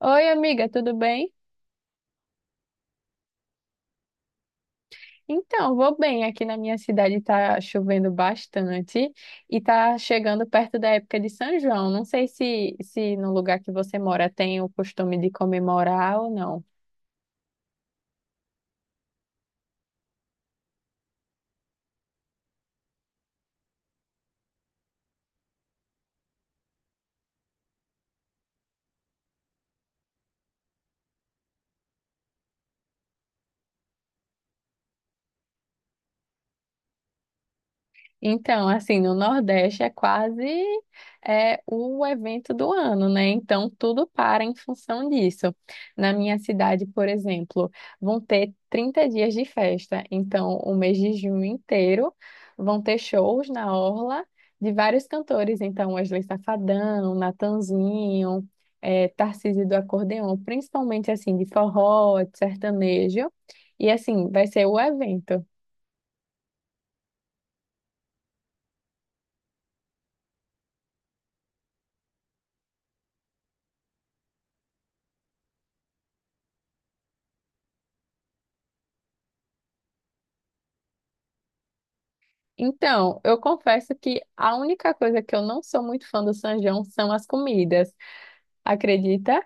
Oi, amiga, tudo bem? Então, vou bem. Aqui na minha cidade tá chovendo bastante e tá chegando perto da época de São João. Não sei se no lugar que você mora tem o costume de comemorar ou não. Então, assim, no Nordeste é quase o evento do ano, né? Então, tudo para em função disso. Na minha cidade, por exemplo, vão ter 30 dias de festa. Então, o mês de junho inteiro vão ter shows na orla de vários cantores. Então, Wesley Safadão, Natanzinho, Tarcísio do Acordeon, principalmente, assim, de forró, de sertanejo. E, assim, vai ser o evento. Então, eu confesso que a única coisa que eu não sou muito fã do São João são as comidas, acredita?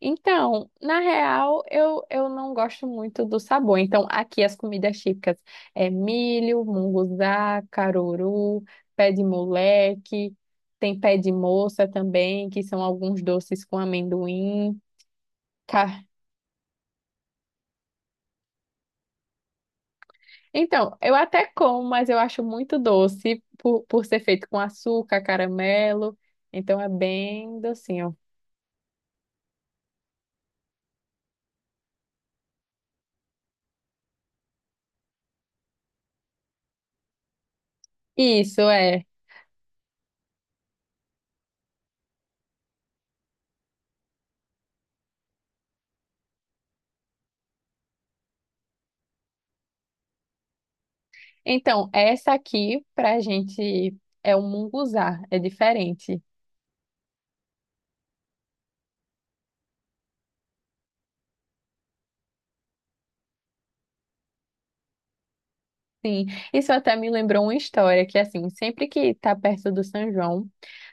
Então, na real, eu não gosto muito do sabor. Então, aqui as comidas típicas é milho, munguzá, caruru, pé de moleque, tem pé de moça também, que são alguns doces com amendoim. Ca- Então, eu até como, mas eu acho muito doce por ser feito com açúcar, caramelo. Então é bem docinho. Isso é. Então, essa aqui pra gente é um munguzá, é diferente. Sim, isso até me lembrou uma história que assim, sempre que tá perto do São João,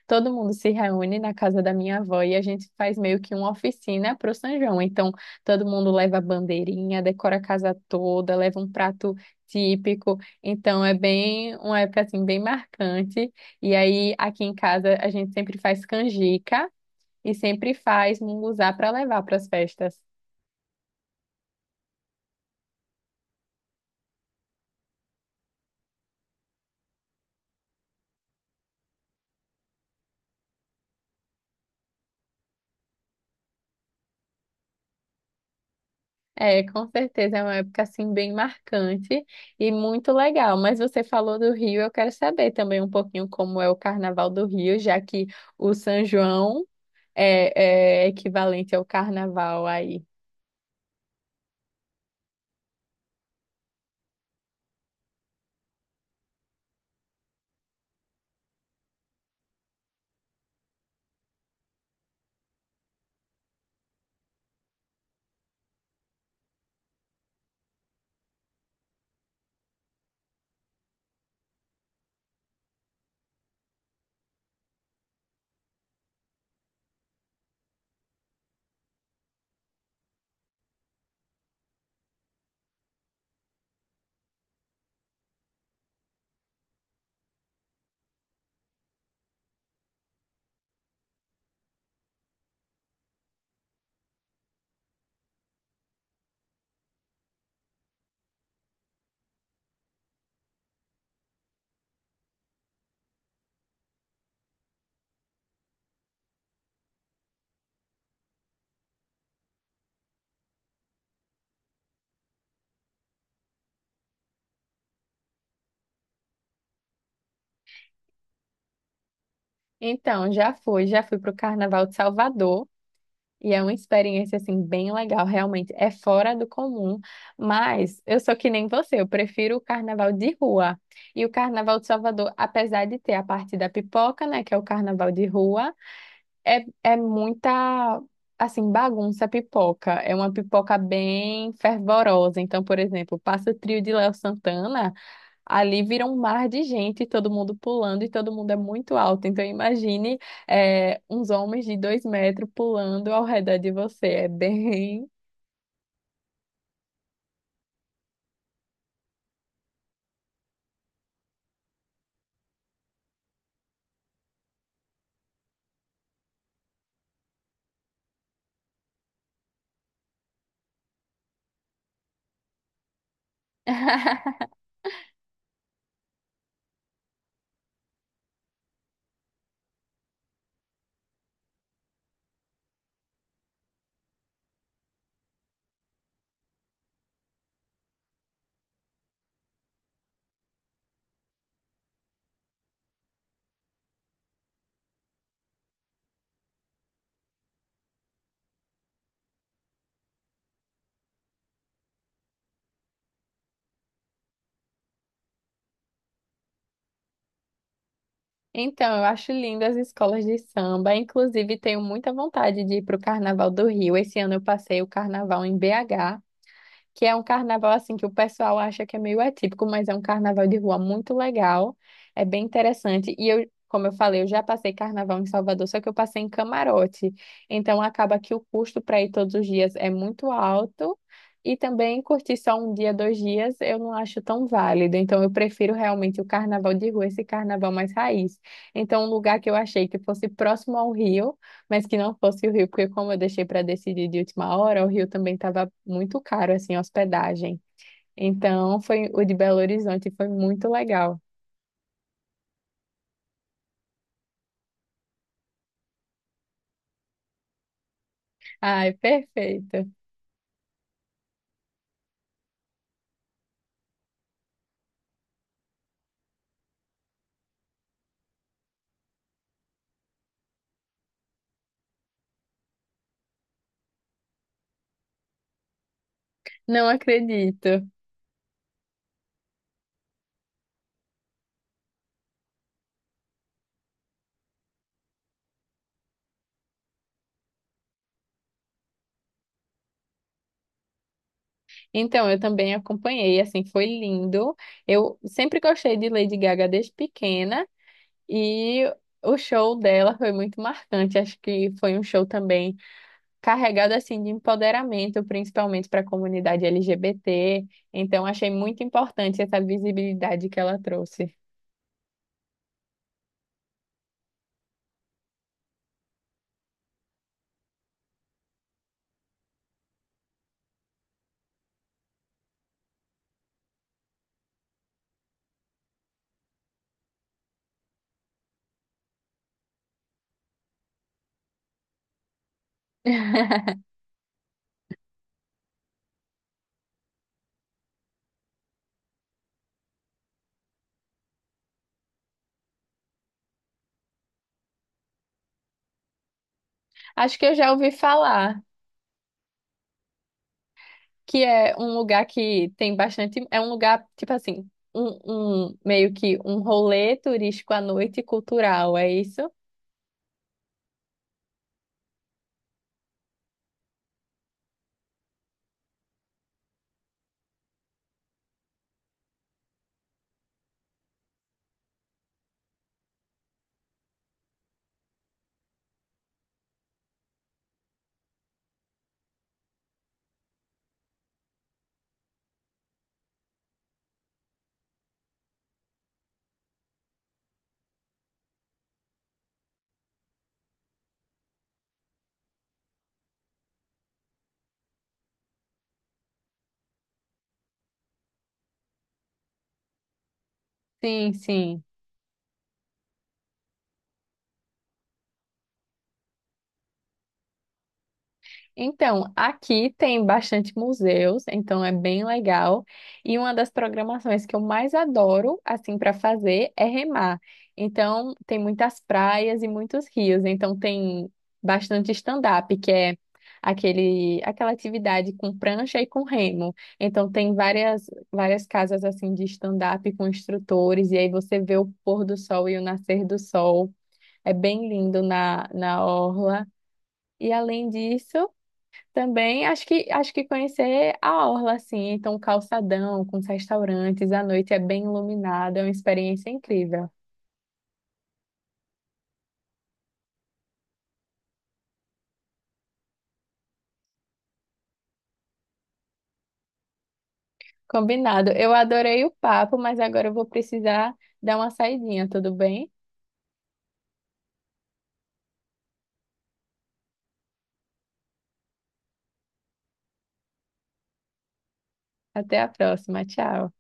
todo mundo se reúne na casa da minha avó e a gente faz meio que uma oficina pro São João. Então, todo mundo leva a bandeirinha, decora a casa toda, leva um prato típico. Então, é bem uma época assim bem marcante. E aí aqui em casa a gente sempre faz canjica e sempre faz munguzá para levar para as festas. É, com certeza é uma época assim bem marcante e muito legal. Mas você falou do Rio, eu quero saber também um pouquinho como é o Carnaval do Rio, já que o São João é equivalente ao Carnaval aí. Então, já fui para o Carnaval de Salvador. E é uma experiência assim bem legal, realmente é fora do comum, mas eu sou que nem você, eu prefiro o carnaval de rua. E o carnaval de Salvador, apesar de ter a parte da pipoca, né, que é o carnaval de rua, é muita assim bagunça pipoca, é uma pipoca bem fervorosa. Então, por exemplo, passa o trio de Léo Santana. Ali vira um mar de gente, todo mundo pulando e todo mundo é muito alto. Então imagine, uns homens de 2 metros pulando ao redor de você. É bem. Então, eu acho lindo as escolas de samba. Inclusive, tenho muita vontade de ir para o Carnaval do Rio. Esse ano eu passei o Carnaval em BH, que é um carnaval assim que o pessoal acha que é meio atípico, mas é um carnaval de rua muito legal, é bem interessante. E eu, como eu falei, eu já passei carnaval em Salvador, só que eu passei em camarote. Então acaba que o custo para ir todos os dias é muito alto. E também curtir só um dia, dois dias, eu não acho tão válido. Então, eu prefiro realmente o carnaval de rua, esse carnaval mais raiz. Então, um lugar que eu achei que fosse próximo ao Rio, mas que não fosse o Rio, porque como eu deixei para decidir de última hora, o Rio também estava muito caro, assim, a hospedagem. Então, foi o de Belo Horizonte, foi muito legal. Ai, perfeito. Não acredito. Então, eu também acompanhei, assim, foi lindo. Eu sempre gostei de Lady Gaga desde pequena e o show dela foi muito marcante. Acho que foi um show também carregado assim de empoderamento, principalmente para a comunidade LGBT. Então, achei muito importante essa visibilidade que ela trouxe. Acho que eu já ouvi falar que é um lugar que tem bastante, é um lugar tipo assim, um meio que um rolê turístico à noite cultural, é isso? Sim, sim. Então, aqui tem bastante museus, então é bem legal. E uma das programações que eu mais adoro, assim, para fazer é remar. Então, tem muitas praias e muitos rios. Então, tem bastante stand-up, que é aquela atividade com prancha e com remo. Então, tem várias casas, assim, de stand-up com instrutores. E aí você vê o pôr do sol e o nascer do sol. É bem lindo na orla. E além disso. Também acho que conhecer a orla assim, então o calçadão com os restaurantes, à noite é bem iluminado, é uma experiência incrível. Combinado. Eu adorei o papo, mas agora eu vou precisar dar uma saidinha, tudo bem? Até a próxima, tchau.